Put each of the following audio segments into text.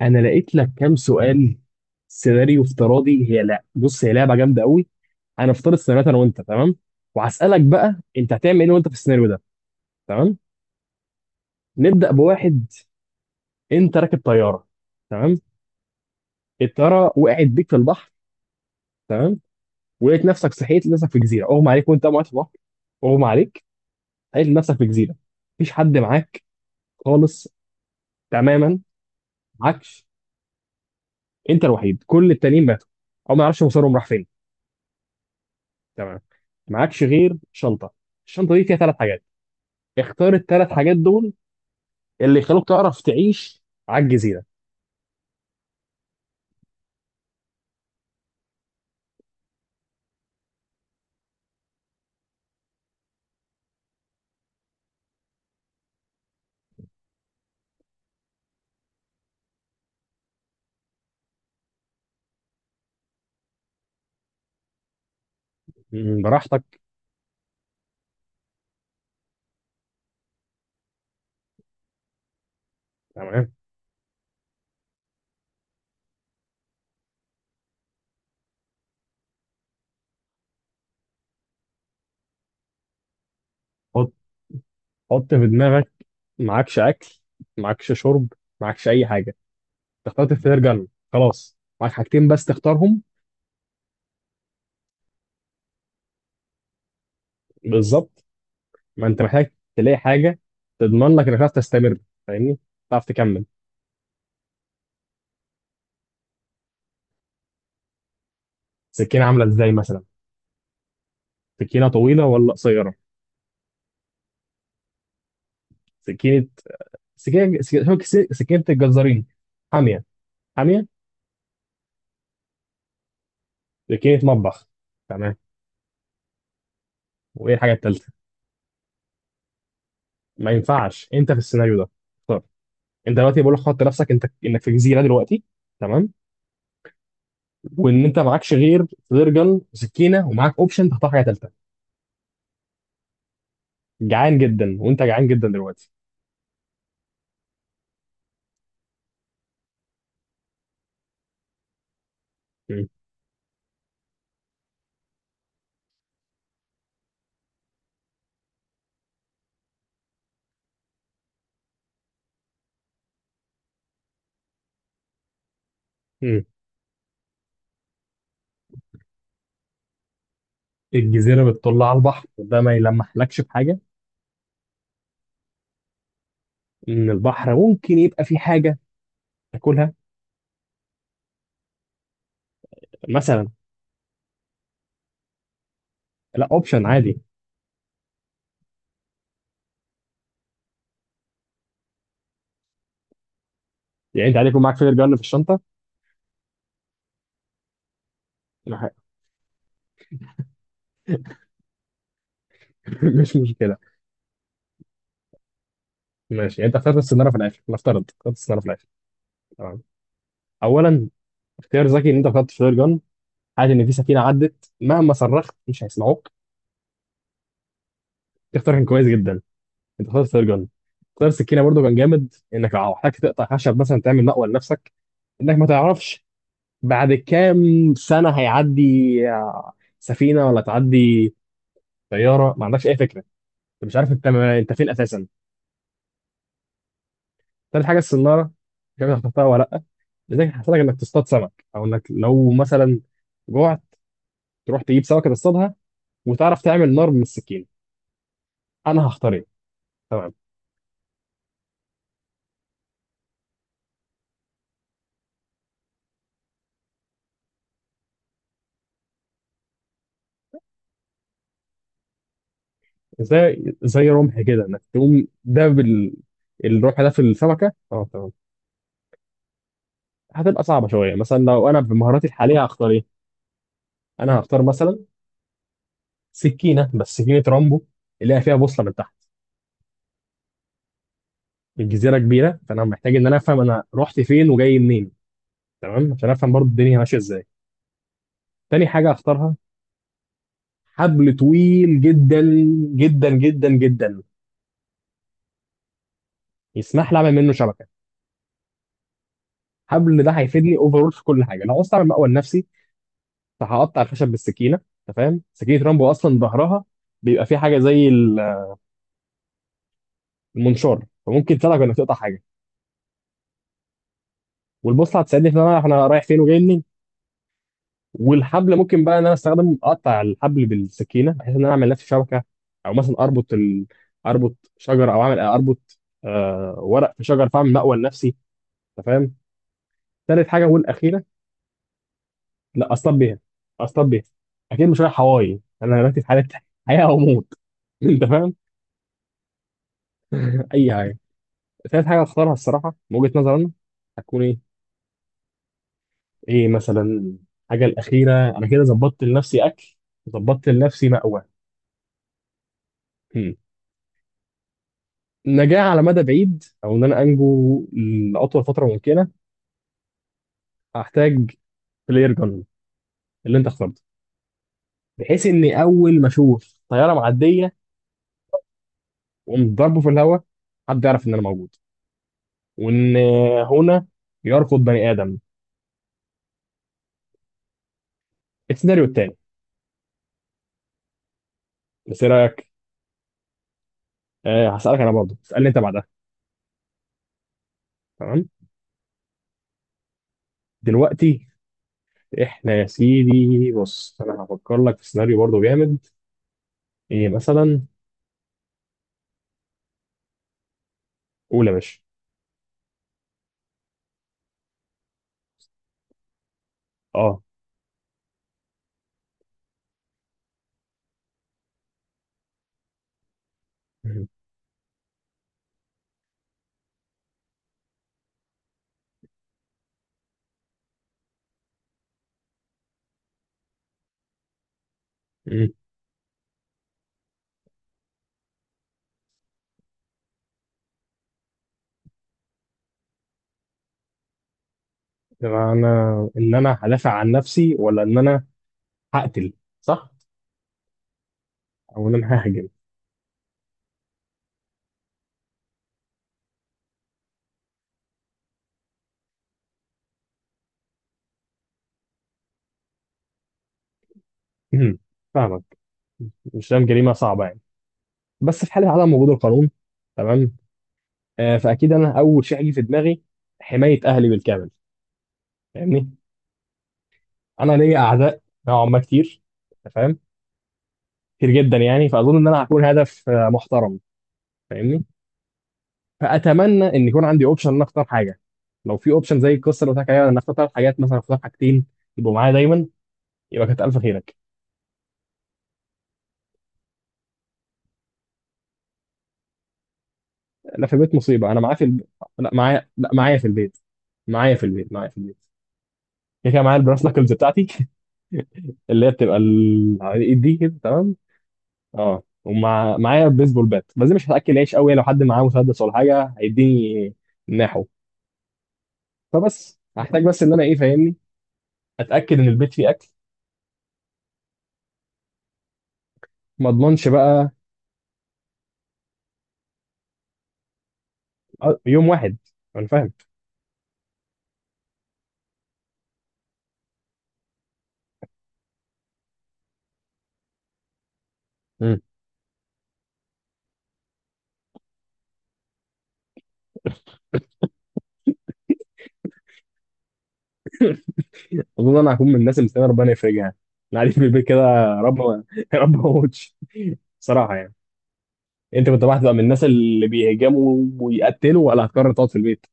انا لقيت لك كام سؤال، سيناريو افتراضي. هي لا، بص، هي لعبه جامده قوي. انا افترض سيناريوهات انا وانت، تمام؟ وهسالك بقى انت هتعمل ايه وانت في السيناريو ده، تمام؟ نبدا بواحد. انت راكب طياره، تمام. الطياره وقعت بيك في البحر، تمام. ولقيت نفسك صحيت، لقيت نفسك في جزيره، اغمى عليك وانت قاعد في البحر. اغمى عليك، لقيت نفسك في جزيره. مفيش حد معاك خالص، تماما. معكش، انت الوحيد، كل التانيين ماتوا، او ما يعرفش مصيرهم راح فين. تمام. معكش غير شنطه، الشنطه دي فيها ثلاث حاجات. اختار الثلاث حاجات دول اللي يخلوك تعرف تعيش على الجزيرة. براحتك. تمام. حط حط في دماغك، معكش أكل، معكش شرب، معكش أي حاجة. اخترت اختيار جنة، خلاص معاك حاجتين بس تختارهم. بالظبط، ما أنت محتاج تلاقي حاجة تضمن لك إنك تعرف تستمر، فاهمني؟ تعرف تكمل. سكينة عاملة إزاي مثلا؟ سكينة طويلة ولا قصيرة؟ سكينة. سكينة سكينة. سكينة الجزارين، حامية حامية. سكينة مطبخ، تمام. وإيه الحاجة التالتة؟ ما ينفعش، انت في السيناريو ده اختار. انت دلوقتي بقول لك حط نفسك انت انك في جزيره دلوقتي، تمام. وان انت معكش غير فلير جن وسكينه، ومعاك اوبشن تختار حاجه ثالثه. جعان جدا، وانت جعان جدا دلوقتي. مم. مم. الجزيره بتطل على البحر ده، ما يلمحلكش بحاجه ان البحر ممكن يبقى فيه حاجه تاكلها؟ مثلا. لا، اوبشن عادي. يعني انت عادي يكون معاك فلير جن في الشنطه. مش مشكله. ماشي، يعني انت اخترت السيناريو في الاخر، نفترض اخترت السيناريو في الاخر، تمام. اولا، اختيار ذكي ان انت اخترت فلير جن. عادي ان في سفينه عدت مهما صرخت مش هيسمعوك، اختيار كان كويس جدا، انت اخترت سيرجن. اختيار السكينه برضو كان جامد، انك لو احتاج تقطع خشب مثلا تعمل مأوى لنفسك، انك ما تعرفش بعد كام سنه هيعدي آه، سفينه ولا تعدي طياره، ما عندكش اي فكره. انت مش عارف انت فين اساسا. تالت حاجه السناره، مش عارف اخترتها ولا لا، لذلك هتحتاج انك تصطاد سمك، او انك لو مثلا جوعت تروح تجيب سمكه تصطادها، وتعرف تعمل نار من السكين. انا هختار ايه؟ تمام. زي رمح كده انك تقوم داب الرمح ده في السمكه، اه تمام. هتبقى صعبه شويه، مثلا لو انا بمهاراتي الحاليه هختار ايه؟ انا هختار مثلا سكينه، بس سكينه رامبو، اللي هي فيها بوصله من تحت. الجزيره كبيره، فانا محتاج ان انا افهم انا رحت فين وجاي منين، تمام، عشان افهم برضو الدنيا ماشيه ازاي. تاني حاجه هختارها حبل طويل جدا، جدا جدا جدا، يسمح لي اعمل منه شبكه. حبل ده هيفيدني اوفرول في كل حاجه، لو عاوز اعمل مأوى لنفسي. فهقطع الخشب بالسكينه. انت فاهم سكينه رامبو اصلا ظهرها بيبقى فيه حاجه زي المنشار، فممكن تساعدك انك تقطع حاجه. والبوصله هتساعدني في ان انا رايح فين وجاي منين. والحبل ممكن بقى ان انا استخدم، اقطع الحبل بالسكينه بحيث ان انا اعمل لنفسي شبكه. او مثلا اربط اربط شجره، او اعمل اربط ورق في شجر، فاعمل مأوى لنفسي. انت فاهم. ثالث حاجه والاخيره، لا، اصطاد بيها، اصطاد بيها. اكيد مش رايح هواي انا دلوقتي، في حاله حياه او موت. انت فاهم؟ اي حاجه. ثالث حاجة هختارها الصراحة من وجهة نظري أنا، هتكون إيه؟ إيه مثلا الحاجة الأخيرة. أنا كده ظبطت لنفسي أكل، ظبطت لنفسي مأوى. هم. نجاة على مدى بعيد، أو إن أنا أنجو لأطول فترة ممكنة. هحتاج بلاير جن اللي أنت اخترته، بحيث إني أول ما أشوف طيارة معدية وأقوم ضربه في الهواء، حد يعرف إن أنا موجود، وإن هنا يركض بني آدم. السيناريو التاني، بس إيه رأيك؟ أه، هسألك أنا برضه، اسألني أنت بعدها. تمام؟ دلوقتي احنا يا سيدي، بص انا هفكر لك في سيناريو برضه جامد. ايه مثلا؟ قول يا باشا. اه. مم. مم. يبقى انا ان انا هدافع عن نفسي ولا ان انا هقتل؟ صح؟ او ان انا ههاجم؟ مم. فاهمك. مش فاهم جريمه صعبه يعني، بس في حاله عدم وجود القانون، تمام. فاكيد انا اول شيء هيجي في دماغي حمايه اهلي بالكامل، فاهمني. انا ليا اعداء نوعا ما كتير، أنت فاهم. كتير جدا يعني، فاظن ان انا هكون هدف محترم، فاهمني. فاتمنى ان يكون عندي اوبشن ان أنا اختار حاجه. لو في اوبشن زي القصه اللي قلت لك عليها، ان اختار ثلاث حاجات مثلا، اختار حاجتين يبقوا معايا دايما، يبقى كانت الف خيرك. انا في البيت مصيبه، انا معايا في لا، معايا، لا معايا في البيت، معايا في البيت، معايا في البيت. كده كده معايا البراس ناكلز بتاعتي اللي هي بتبقى على الايد دي كده، تمام. اه، ومع معايا بيسبول بات، بس دي مش هتاكل عيش قوي، لو حد معاه مسدس ولا حاجه هيديني ناحو. فبس هحتاج، بس ان انا ايه، فاهمني، اتاكد ان البيت فيه اكل، ما اضمنش بقى. يوم واحد، انا فاهم. اظن انا هكون من الناس اللي استنى ربنا يفرجها يعني. انا قاعد في البيت كده، يا رب يا رب ما اموتش، صراحه يعني. انت كنت واحد بقى، هتبقى من الناس اللي بيهجموا ويقتلوا ولا هتقرر تقعد في البيت؟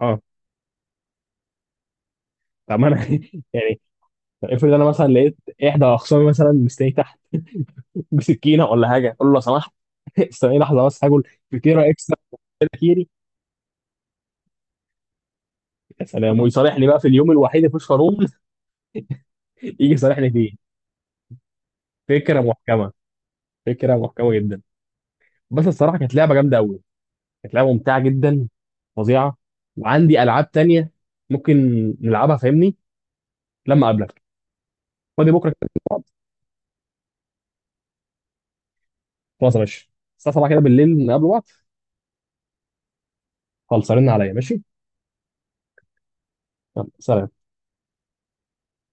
اه. طب ما انا يعني، طب افرض انا مثلا لقيت احدى اخصامي مثلا مستني تحت بسكينه ولا حاجه، اقول له لو سمحت استني لحظه بس هاكل فطيره اكسترا، كده كيري. يا سلام، ويصالحني بقى في اليوم الوحيد اللي مفيش قانون يجي يصالحني فيه. فكره محكمه، فكره محكمه جدا. بس الصراحه كانت لعبه جامده قوي، كانت لعبه ممتعه جدا، فظيعه. وعندي العاب تانية ممكن نلعبها، فاهمني، لما اقابلك. فاضي بكره كده نقعد؟ خلاص يا باشا، الساعه 7 كده بالليل نقابل بعض. خلص رن عليا، ماشي. يلا سلام.